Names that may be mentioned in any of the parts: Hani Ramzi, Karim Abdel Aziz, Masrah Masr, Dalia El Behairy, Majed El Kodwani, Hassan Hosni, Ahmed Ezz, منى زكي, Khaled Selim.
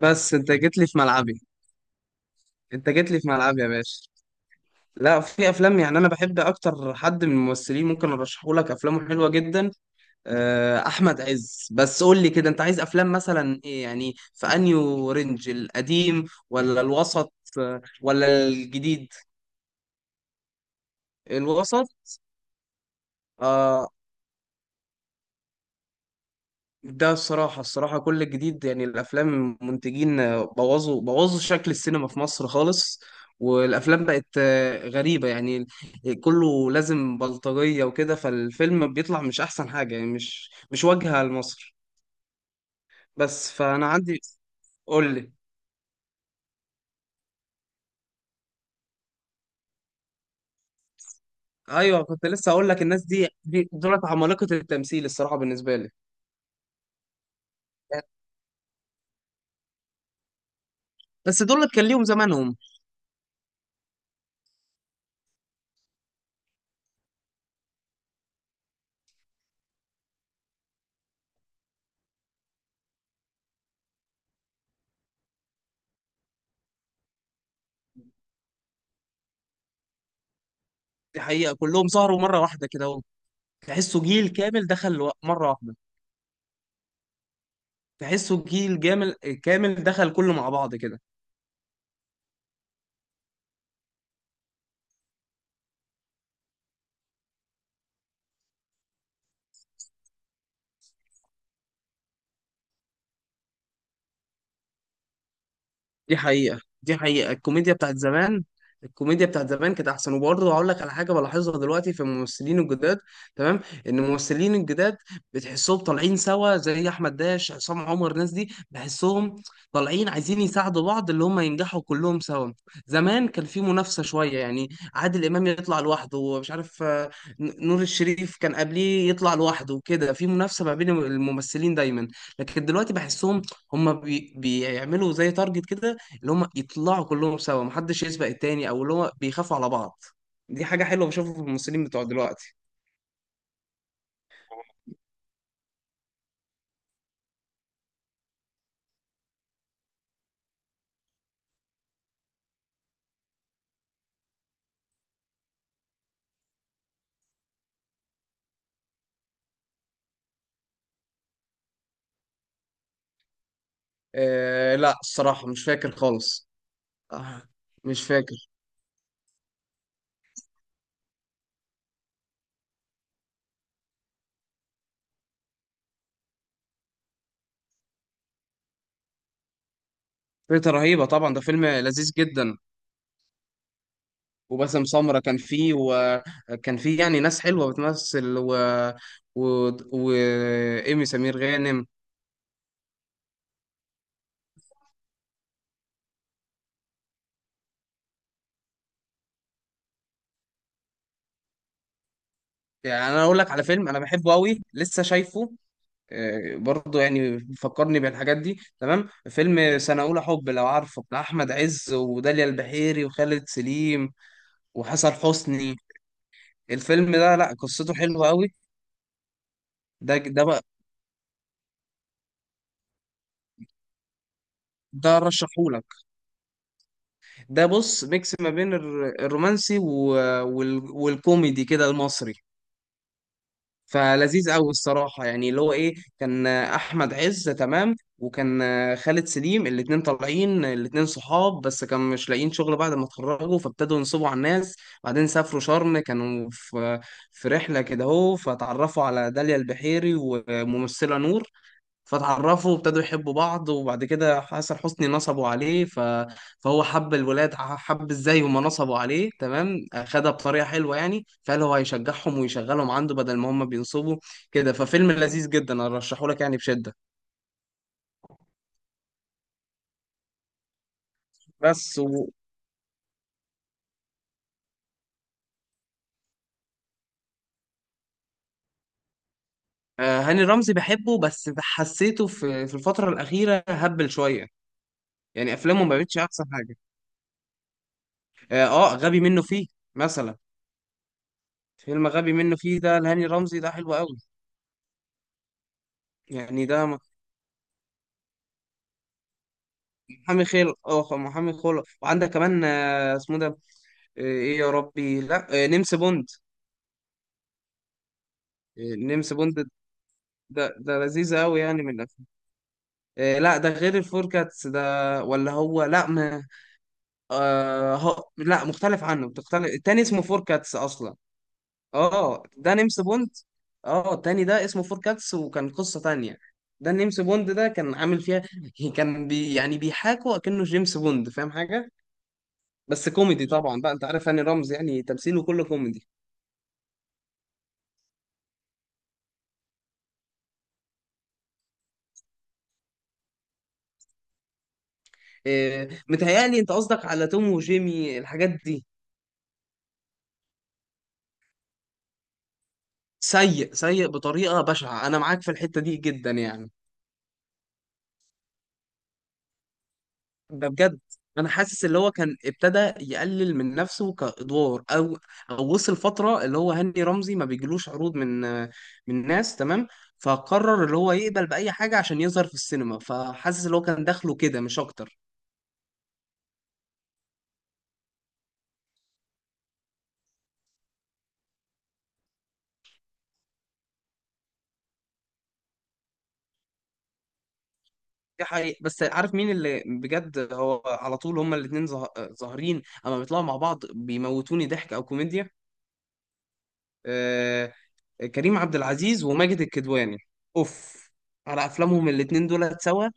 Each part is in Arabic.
بس انت جيت لي في ملعبي. انت جيت لي في ملعبي يا باشا. لا، في افلام يعني انا بحب اكتر، حد من الممثلين ممكن ارشحه لك افلامه حلوه جدا. احمد عز، بس قول لي كده انت عايز افلام مثلا ايه؟ يعني في انيو رينج القديم ولا الوسط ولا الجديد؟ الوسط. آه، ده الصراحة، كل الجديد يعني الأفلام، منتجين بوظوا شكل السينما في مصر خالص. والأفلام بقت غريبة يعني، كله لازم بلطجية وكده، فالفيلم بيطلع مش أحسن حاجة يعني، مش واجهة لمصر. بس فأنا عندي، قول لي. أيوه، كنت لسه أقول لك الناس دي، دولت عمالقة التمثيل الصراحة بالنسبة لي. بس دولت كان ليهم زمانهم. دي حقيقة، كلهم سهروا مرة واحدة كده. تحسوا جيل كامل دخل مرة واحدة. تحسه جيل جامل، كامل دخل كله مع بعض كده. دي حقيقة، الكوميديا بتاعت زمان، الكوميديا بتاعت زمان كانت أحسن. وبرضه هقول لك على حاجة بلاحظها دلوقتي في الممثلين الجداد، تمام؟ إن الممثلين الجداد بتحسهم طالعين سوا، زي أحمد داش، عصام عمر، الناس دي بحسهم طالعين عايزين يساعدوا بعض، اللي هم ينجحوا كلهم سوا. زمان كان في منافسة شوية يعني، عادل إمام يطلع لوحده ومش عارف، نور الشريف كان قبليه يطلع لوحده وكده، في منافسة ما بين الممثلين دايما. لكن دلوقتي بحسهم هم بيعملوا زي تارجت كده، اللي هم يطلعوا كلهم سوا، محدش يسبق التاني، او اللي هو بيخافوا على بعض. دي حاجة حلوة بشوفها في الممثلين بتوع دلوقتي. آه لا الصراحة مش فاكر خالص. آه، مش فاكر. فكرة رهيبة طبعا، ده فيلم لذيذ جدا. وباسم سمرة كان فيه، وكان فيه يعني ناس حلوة بتمثل، و وإيمي سمير غانم. يعني أنا أقول لك على فيلم أنا بحبه أوي لسه شايفه، برضه يعني فكرني بالحاجات دي، تمام. فيلم سنة أولى حب، لو عارفه، بتاع أحمد عز وداليا البحيري وخالد سليم وحسن حسني. الفيلم ده لا، قصته حلوة قوي. ده ده بقى، ده رشحهولك. ده بص، ميكس ما بين الرومانسي و- والكوميدي كده، المصري. فلذيذ قوي الصراحه، يعني اللي هو ايه، كان احمد عز تمام، وكان خالد سليم، الاتنين طالعين، الاتنين صحاب بس كانوا مش لاقيين شغل بعد ما اتخرجوا، فابتدوا ينصبوا على الناس. بعدين سافروا شرم، كانوا في رحله كده اهو، فتعرفوا على داليا البحيري وممثله نور، فتعرفوا وابتدوا يحبوا بعض. وبعد كده حسن حسني نصبوا عليه، فهو حب الولاد، حب ازاي هما نصبوا عليه تمام، خدها بطريقة حلوة يعني، فقال هو هيشجعهم ويشغلهم عنده بدل ما هما بينصبوا كده. ففيلم لذيذ جدا، انا ارشحه لك يعني بشدة. بس و... هاني رمزي بحبه، بس حسيته في الفترة الأخيرة هبل شوية. يعني أفلامه ما بقتش أحسن حاجة. آه، غبي منه فيه مثلا، فيلم غبي منه فيه ده لهاني رمزي، ده حلو قوي. يعني ده محامي خير، اه، محامي خير. وعندك كمان اسمه ده، ايه يا ربي، لا، نمس بوند. نمس بوند، ده لذيذ قوي يعني، من الافلام. لا، ده غير الفوركاتس ده. ولا هو لا ما، آه، هو لا مختلف عنه، بتختلف. التاني اسمه فوركاتس اصلا. اه ده نمس بوند، اه التاني ده اسمه فوركاتس وكان قصة تانية. ده نيمس بوند ده كان عامل فيها كان يعني بيحاكوا اكنه جيمس بوند، فاهم حاجة؟ بس كوميدي طبعا بقى، انت عارف هاني رمزي يعني تمثيله كله كوميدي. إيه، متهيألي انت قصدك على توم وجيمي، الحاجات دي؟ سيء بطريقة بشعة، انا معاك في الحتة دي جدا يعني. ده بجد. انا حاسس اللي هو كان ابتدى يقلل من نفسه كادوار، او او وصل فترة اللي هو هاني رمزي ما بيجيلوش عروض من ناس تمام، فقرر اللي هو يقبل بأي حاجة عشان يظهر في السينما. فحاسس اللي هو كان دخله كده مش اكتر. دي حقيقة. بس عارف مين اللي بجد هو على طول، هما الاتنين ظاهرين، اما بيطلعوا مع بعض بيموتوني ضحك او كوميديا. آه، كريم عبد العزيز وماجد الكدواني، اوف، على افلامهم الاتنين دول سوا.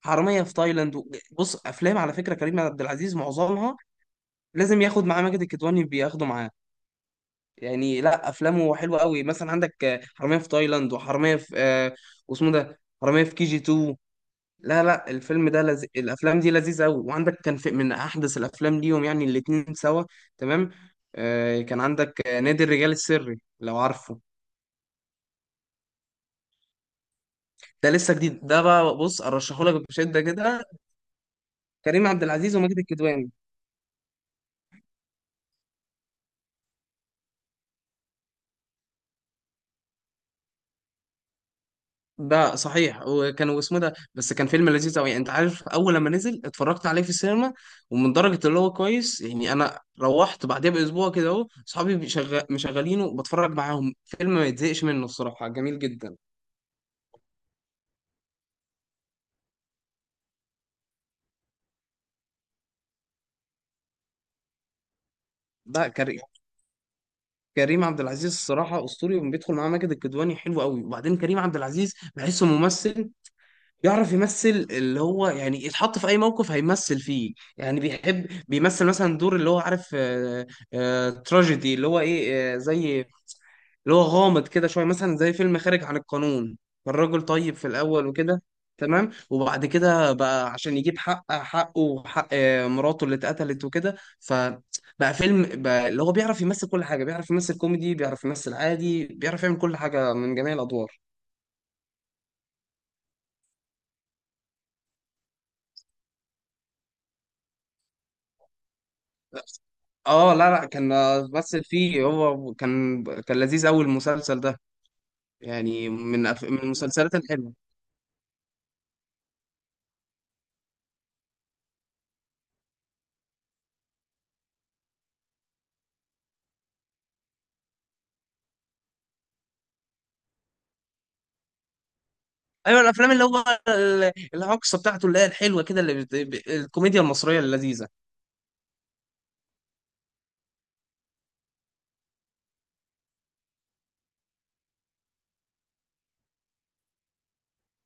حرامية في تايلاند، و، بص افلام على فكرة كريم عبد العزيز معظمها لازم ياخد معاه ماجد الكدواني، بياخده معاه. يعني لا، افلامه حلوة قوي مثلا. عندك حرامية في تايلاند، وحرامية في آه، واسمه ده، حرامية في كي جي 2. لا لا الفيلم ده الافلام دي لذيذه قوي. وعندك كان في من احدث الافلام ليهم يعني الاتنين سوا، تمام. آه كان عندك نادي الرجال السري، لو عارفه. ده لسه جديد ده بقى، بص ارشحهولك بشده كده. كريم عبد العزيز وماجد الكدواني. ده صحيح، وكانوا اسمه ده بس، كان فيلم لذيذ قوي. انت عارف، اول لما نزل اتفرجت عليه في السينما، ومن درجه اللي هو كويس يعني انا روحت بعدها باسبوع كده اهو، اصحابي مشغلينه وبتفرج معاهم، فيلم ما يتزهقش منه الصراحه، جميل جدا. ده كريم، كريم عبد العزيز الصراحه اسطوري، وبيدخل معاه ماجد الكدواني حلو قوي. وبعدين كريم عبد العزيز بحسه ممثل يعرف يمثل، اللي هو يعني يتحط في اي موقف هيمثل فيه يعني. بيحب بيمثل مثلا دور اللي هو، عارف، تراجيدي اللي هو ايه زي اللي هو غامض كده شويه، مثلا زي فيلم خارج عن القانون، فالراجل طيب في الاول وكده تمام، وبعد كده بقى عشان يجيب حقه وحق مراته اللي اتقتلت وكده، فبقى فيلم بقى اللي هو بيعرف يمثل كل حاجه، بيعرف يمثل كوميدي، بيعرف يمثل عادي، بيعرف يعمل كل حاجه، من جميع الادوار. اه لا كان بس فيه، هو كان لذيذ اول المسلسل ده. يعني من المسلسلات الحلوه. ايوه الافلام اللي هو الهجصه بتاعته، اللي هي الحلوه كده، اللي الكوميديا المصريه اللذيذه.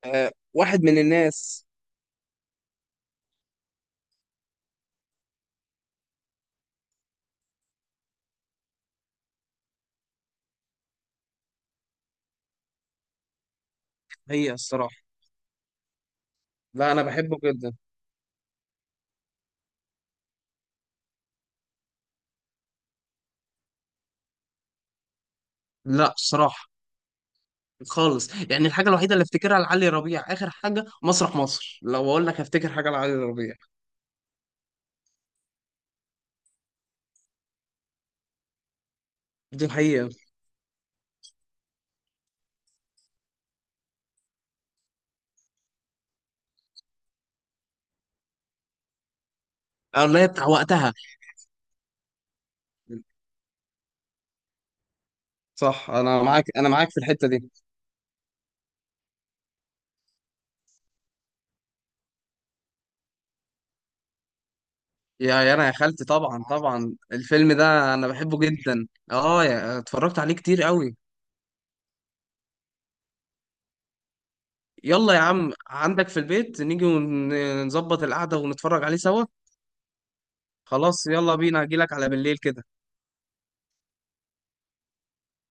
أه، واحد من الناس. هي الصراحه، لا انا بحبه جدا. لا الصراحه خالص، يعني الحاجه الوحيده اللي افتكرها لعلي ربيع اخر حاجه مسرح مصر، لو اقول لك هفتكر حاجه لعلي ربيع. دي الحقيقه. اللي هي بتاع وقتها. صح، انا معاك في الحته دي. يا انا يا خالتي، طبعا طبعا الفيلم ده انا بحبه جدا. اه، اتفرجت عليه كتير قوي. يلا يا عم، عندك في البيت نيجي ونظبط القعدة ونتفرج عليه سوا. خلاص، يلا بينا، هجيلك على بالليل كده.